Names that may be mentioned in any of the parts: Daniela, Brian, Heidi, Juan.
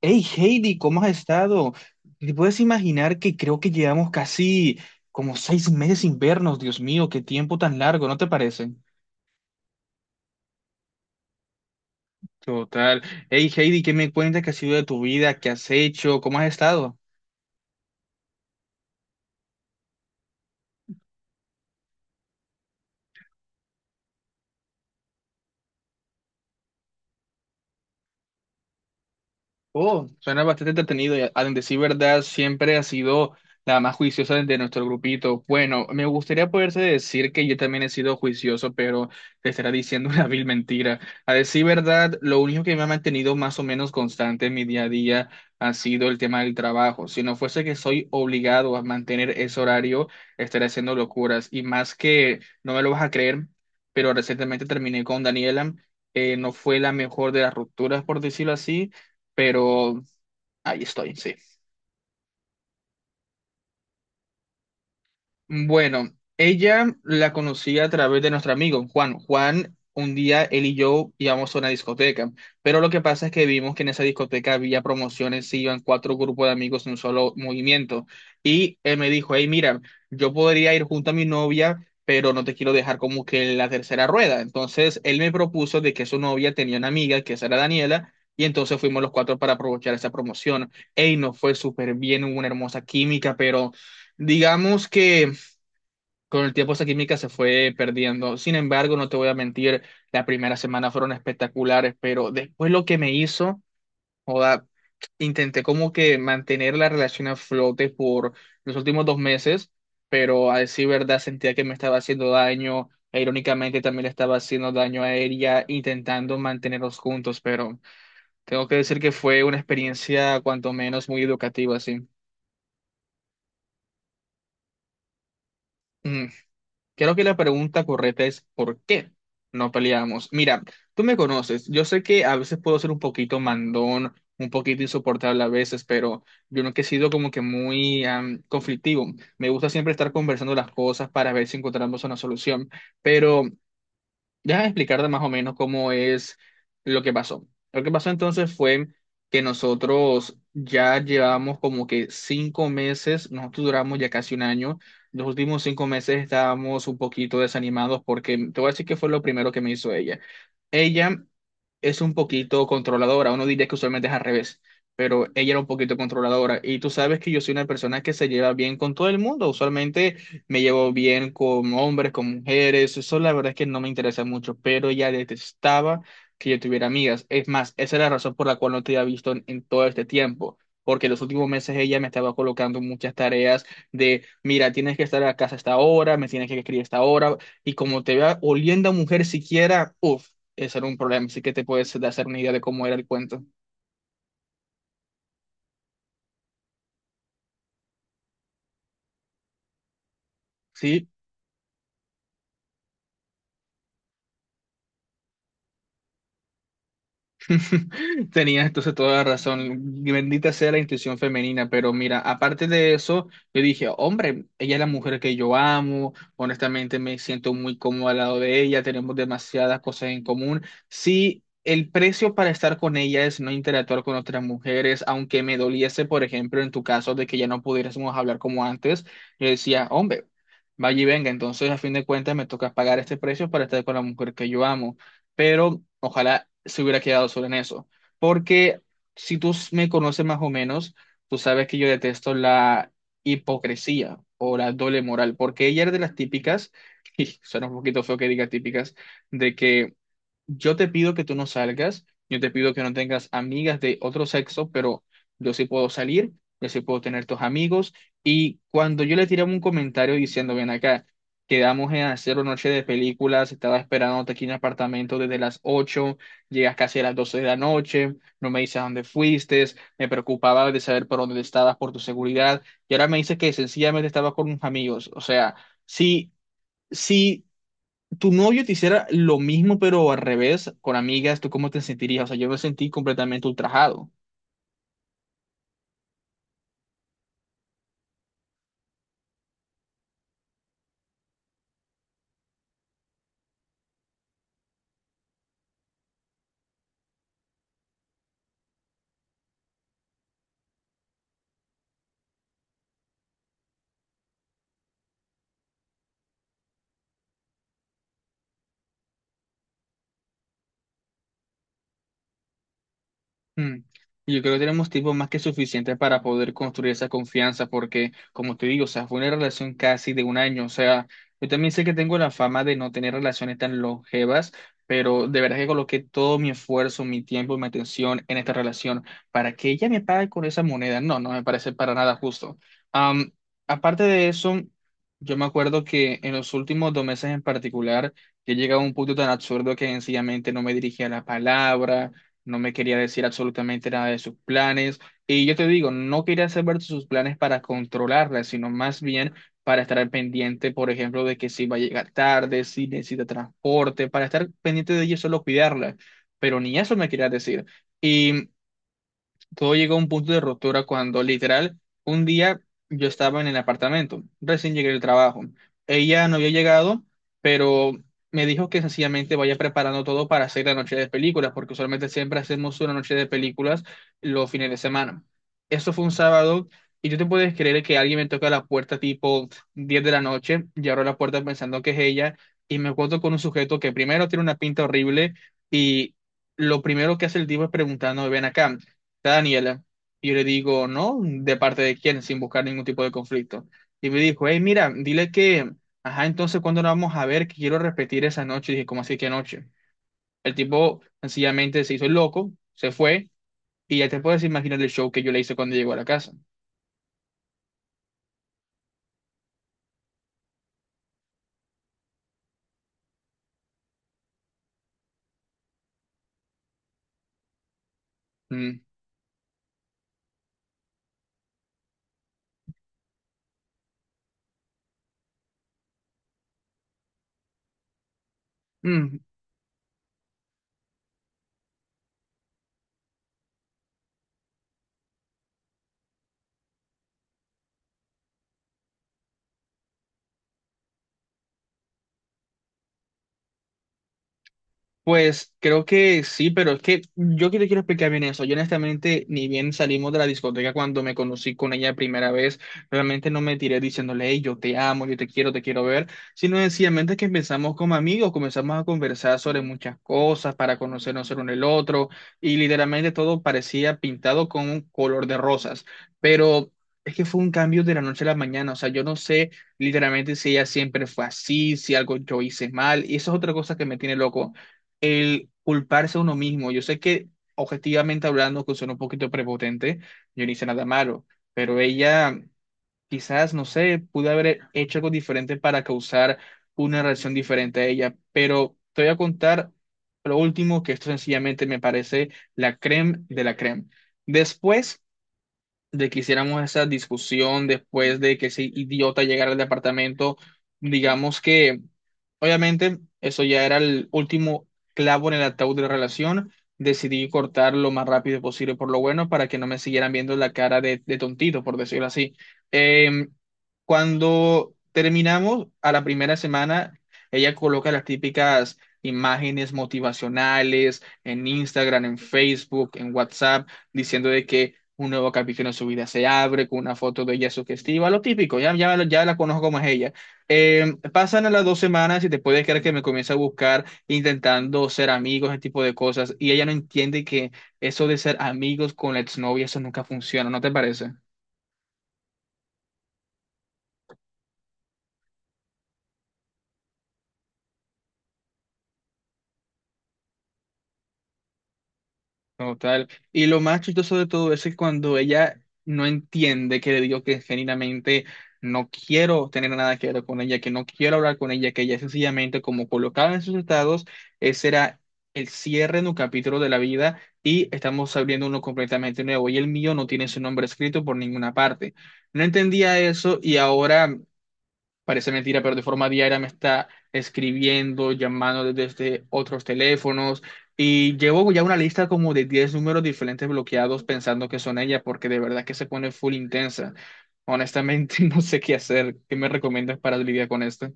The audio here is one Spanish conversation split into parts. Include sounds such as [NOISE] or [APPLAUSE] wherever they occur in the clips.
Hey Heidi, ¿cómo has estado? ¿Te puedes imaginar que creo que llevamos casi como 6 meses sin vernos? Dios mío, qué tiempo tan largo, ¿no te parece? Total. Hey Heidi, ¿qué me cuentas que ha sido de tu vida? ¿Qué has hecho? ¿Cómo has estado? Oh, suena bastante entretenido. A decir verdad, siempre ha sido la más juiciosa de nuestro grupito. Bueno, me gustaría poderse decir que yo también he sido juicioso, pero te estará diciendo [LAUGHS] una vil mentira. A decir verdad, lo único que me ha mantenido más o menos constante en mi día a día ha sido el tema del trabajo. Si no fuese que soy obligado a mantener ese horario, estaría haciendo locuras. Y más que, no me lo vas a creer, pero recientemente terminé con Daniela. No fue la mejor de las rupturas, por decirlo así, pero ahí estoy, sí. Bueno, ella la conocí a través de nuestro amigo Juan. Juan, un día él y yo íbamos a una discoteca, pero lo que pasa es que vimos que en esa discoteca había promociones y iban cuatro grupos de amigos en un solo movimiento. Y él me dijo, hey, mira, yo podría ir junto a mi novia, pero no te quiero dejar como que en la tercera rueda. Entonces él me propuso de que su novia tenía una amiga, que esa era Daniela. Y entonces fuimos los cuatro para aprovechar esa promoción. Ey, nos fue súper bien, hubo una hermosa química, pero digamos que con el tiempo esa química se fue perdiendo. Sin embargo, no te voy a mentir, la primera semana fueron espectaculares, pero después lo que me hizo, joda, intenté como que mantener la relación a flote por los últimos 2 meses, pero a decir verdad sentía que me estaba haciendo daño, e irónicamente también le estaba haciendo daño a ella, intentando mantenerlos juntos, pero tengo que decir que fue una experiencia cuanto menos muy educativa, sí. Creo que la pregunta correcta es ¿por qué no peleamos? Mira, tú me conoces, yo sé que a veces puedo ser un poquito mandón, un poquito insoportable a veces, pero yo nunca he sido como que muy conflictivo. Me gusta siempre estar conversando las cosas para ver si encontramos una solución, pero deja de explicarte más o menos cómo es lo que pasó. Lo que pasó entonces fue que nosotros ya llevamos como que 5 meses, nosotros duramos ya casi un año. Los últimos 5 meses estábamos un poquito desanimados porque te voy a decir que fue lo primero que me hizo ella. Ella es un poquito controladora. Uno diría que usualmente es al revés, pero ella era un poquito controladora. Y tú sabes que yo soy una persona que se lleva bien con todo el mundo. Usualmente me llevo bien con hombres, con mujeres. Eso la verdad es que no me interesa mucho, pero ella detestaba que yo tuviera amigas. Es más, esa es la razón por la cual no te había visto en todo este tiempo. Porque en los últimos meses ella me estaba colocando muchas tareas de, mira, tienes que estar a casa a esta hora, me tienes que escribir a esta hora, y como te vea oliendo a mujer siquiera, uff, ese era un problema, así que te puedes hacer una idea de cómo era el cuento. Sí, [LAUGHS] tenías entonces toda la razón. Bendita sea la intuición femenina, pero mira, aparte de eso, yo dije, hombre, ella es la mujer que yo amo, honestamente me siento muy cómodo al lado de ella, tenemos demasiadas cosas en común. Sí, el precio para estar con ella es no interactuar con otras mujeres, aunque me doliese, por ejemplo, en tu caso de que ya no pudiésemos hablar como antes, yo decía, hombre, vaya y venga, entonces a fin de cuentas me toca pagar este precio para estar con la mujer que yo amo, pero ojalá se hubiera quedado solo en eso, porque si tú me conoces más o menos, tú sabes que yo detesto la hipocresía o la doble moral, porque ella era de las típicas, [LAUGHS] y suena un poquito feo que diga típicas, de que yo te pido que tú no salgas, yo te pido que no tengas amigas de otro sexo, pero yo sí puedo salir, yo sí puedo tener tus amigos. Y cuando yo le tiré un comentario diciendo, ven acá, quedamos en hacer una noche de películas, estaba esperándote aquí en el apartamento desde las 8. Llegas casi a las 12 de la noche, no me dices a dónde fuiste, me preocupaba de saber por dónde estabas, por tu seguridad, y ahora me dices que sencillamente estabas con unos amigos. O sea, sí, sí tu novio te hiciera lo mismo, pero al revés, con amigas, ¿tú cómo te sentirías? O sea, yo me sentí completamente ultrajado. Mm. Yo creo que tenemos tiempo más que suficiente para poder construir esa confianza, porque, como te digo, o sea, fue una relación casi de un año. O sea, yo también sé que tengo la fama de no tener relaciones tan longevas, pero de verdad que coloqué todo mi esfuerzo, mi tiempo y mi atención en esta relación para que ella me pague con esa moneda. No, no me parece para nada justo. Am, aparte de eso, yo me acuerdo que en los últimos 2 meses en particular, yo llegaba a un punto tan absurdo que sencillamente no me dirigía la palabra, no me quería decir absolutamente nada de sus planes. Y yo te digo, no quería saber de sus planes para controlarla, sino más bien para estar al pendiente, por ejemplo, de que si va a llegar tarde, si necesita transporte, para estar pendiente de ella y solo cuidarla. Pero ni eso me quería decir. Y todo llegó a un punto de ruptura cuando literal un día yo estaba en el apartamento, recién llegué del trabajo. Ella no había llegado, pero me dijo que sencillamente vaya preparando todo para hacer la noche de películas, porque usualmente siempre hacemos una noche de películas los fines de semana. Eso fue un sábado, y tú te puedes creer que alguien me toca la puerta tipo 10 de la noche y abro la puerta pensando que es ella y me encuentro con un sujeto que primero tiene una pinta horrible y lo primero que hace el tipo es preguntando, ven acá, está Daniela. Y yo le digo, no, ¿de parte de quién? Sin buscar ningún tipo de conflicto. Y me dijo, hey, mira, dile que, ajá, entonces, ¿cuándo nos vamos a ver? Que quiero repetir esa noche. Y dije, ¿cómo así que noche? El tipo sencillamente se hizo el loco, se fue, y ya te puedes imaginar el show que yo le hice cuando llegó a la casa. Mm, mm, Pues creo que sí, pero es que yo que te quiero explicar bien eso. Yo honestamente ni bien salimos de la discoteca cuando me conocí con ella la primera vez, realmente no me tiré diciéndole, "Hey, yo te amo, yo te quiero ver", sino sencillamente que empezamos como amigos, comenzamos a conversar sobre muchas cosas para conocernos el uno el otro y literalmente todo parecía pintado con un color de rosas, pero es que fue un cambio de la noche a la mañana. O sea, yo no sé literalmente si ella siempre fue así, si algo yo hice mal, y eso es otra cosa que me tiene loco, el culparse a uno mismo. Yo sé que objetivamente hablando, que suena un poquito prepotente, yo no hice nada malo, pero ella quizás, no sé, pudo haber hecho algo diferente para causar una reacción diferente a ella, pero te voy a contar lo último, que esto sencillamente me parece la creme de la creme. Después de que hiciéramos esa discusión, después de que ese idiota llegara al departamento, digamos que obviamente eso ya era el último clavo en el ataúd de la relación, decidí cortar lo más rápido posible por lo bueno para que no me siguieran viendo la cara de tontito, por decirlo así. Eh, Cuando terminamos a la primera semana, ella coloca las típicas imágenes motivacionales en Instagram, en Facebook, en WhatsApp, diciendo de que un nuevo capítulo en su vida se abre, con una foto de ella sugestiva, lo típico, ya, ya, ya la conozco como es ella. Pasan a las 2 semanas y te puedes creer que me comienza a buscar intentando ser amigos, ese tipo de cosas, y ella no entiende que eso de ser amigos con la exnovia, eso nunca funciona, ¿no te parece? Total. Y lo más chistoso de todo eso es cuando ella no entiende que le digo que genuinamente no quiero tener nada que ver con ella, que no quiero hablar con ella, que ella sencillamente, como colocaba en sus estados, ese era el cierre de un capítulo de la vida y estamos abriendo uno completamente nuevo, y el mío no tiene su nombre escrito por ninguna parte. No entendía eso, y ahora parece mentira, pero de forma diaria me está escribiendo, llamando desde otros teléfonos, y llevo ya una lista como de 10 números diferentes bloqueados pensando que son ella, porque de verdad que se pone full intensa. Honestamente, [LAUGHS] no sé qué hacer. ¿Qué me recomiendas para lidiar con esto?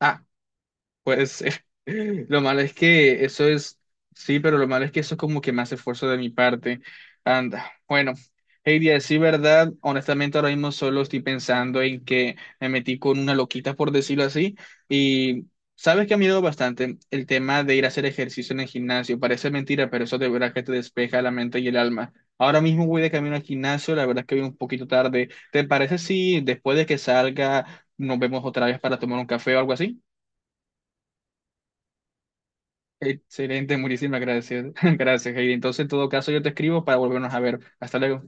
Ah, puede ser. [LAUGHS] Lo malo es que eso es, sí, pero lo malo es que eso es como que más esfuerzo de mi parte. Anda, bueno, Heidi, a decir verdad, honestamente ahora mismo solo estoy pensando en que me metí con una loquita, por decirlo así, y sabes que ha ayudado bastante el tema de ir a hacer ejercicio en el gimnasio. Parece mentira, pero eso de verdad que te despeja la mente y el alma. Ahora mismo voy de camino al gimnasio, la verdad es que voy un poquito tarde. ¿Te parece si después de que salga nos vemos otra vez para tomar un café o algo así? Excelente, muchísimas gracias. [LAUGHS] Gracias, Heidi. Entonces, en todo caso, yo te escribo para volvernos a ver. Hasta luego.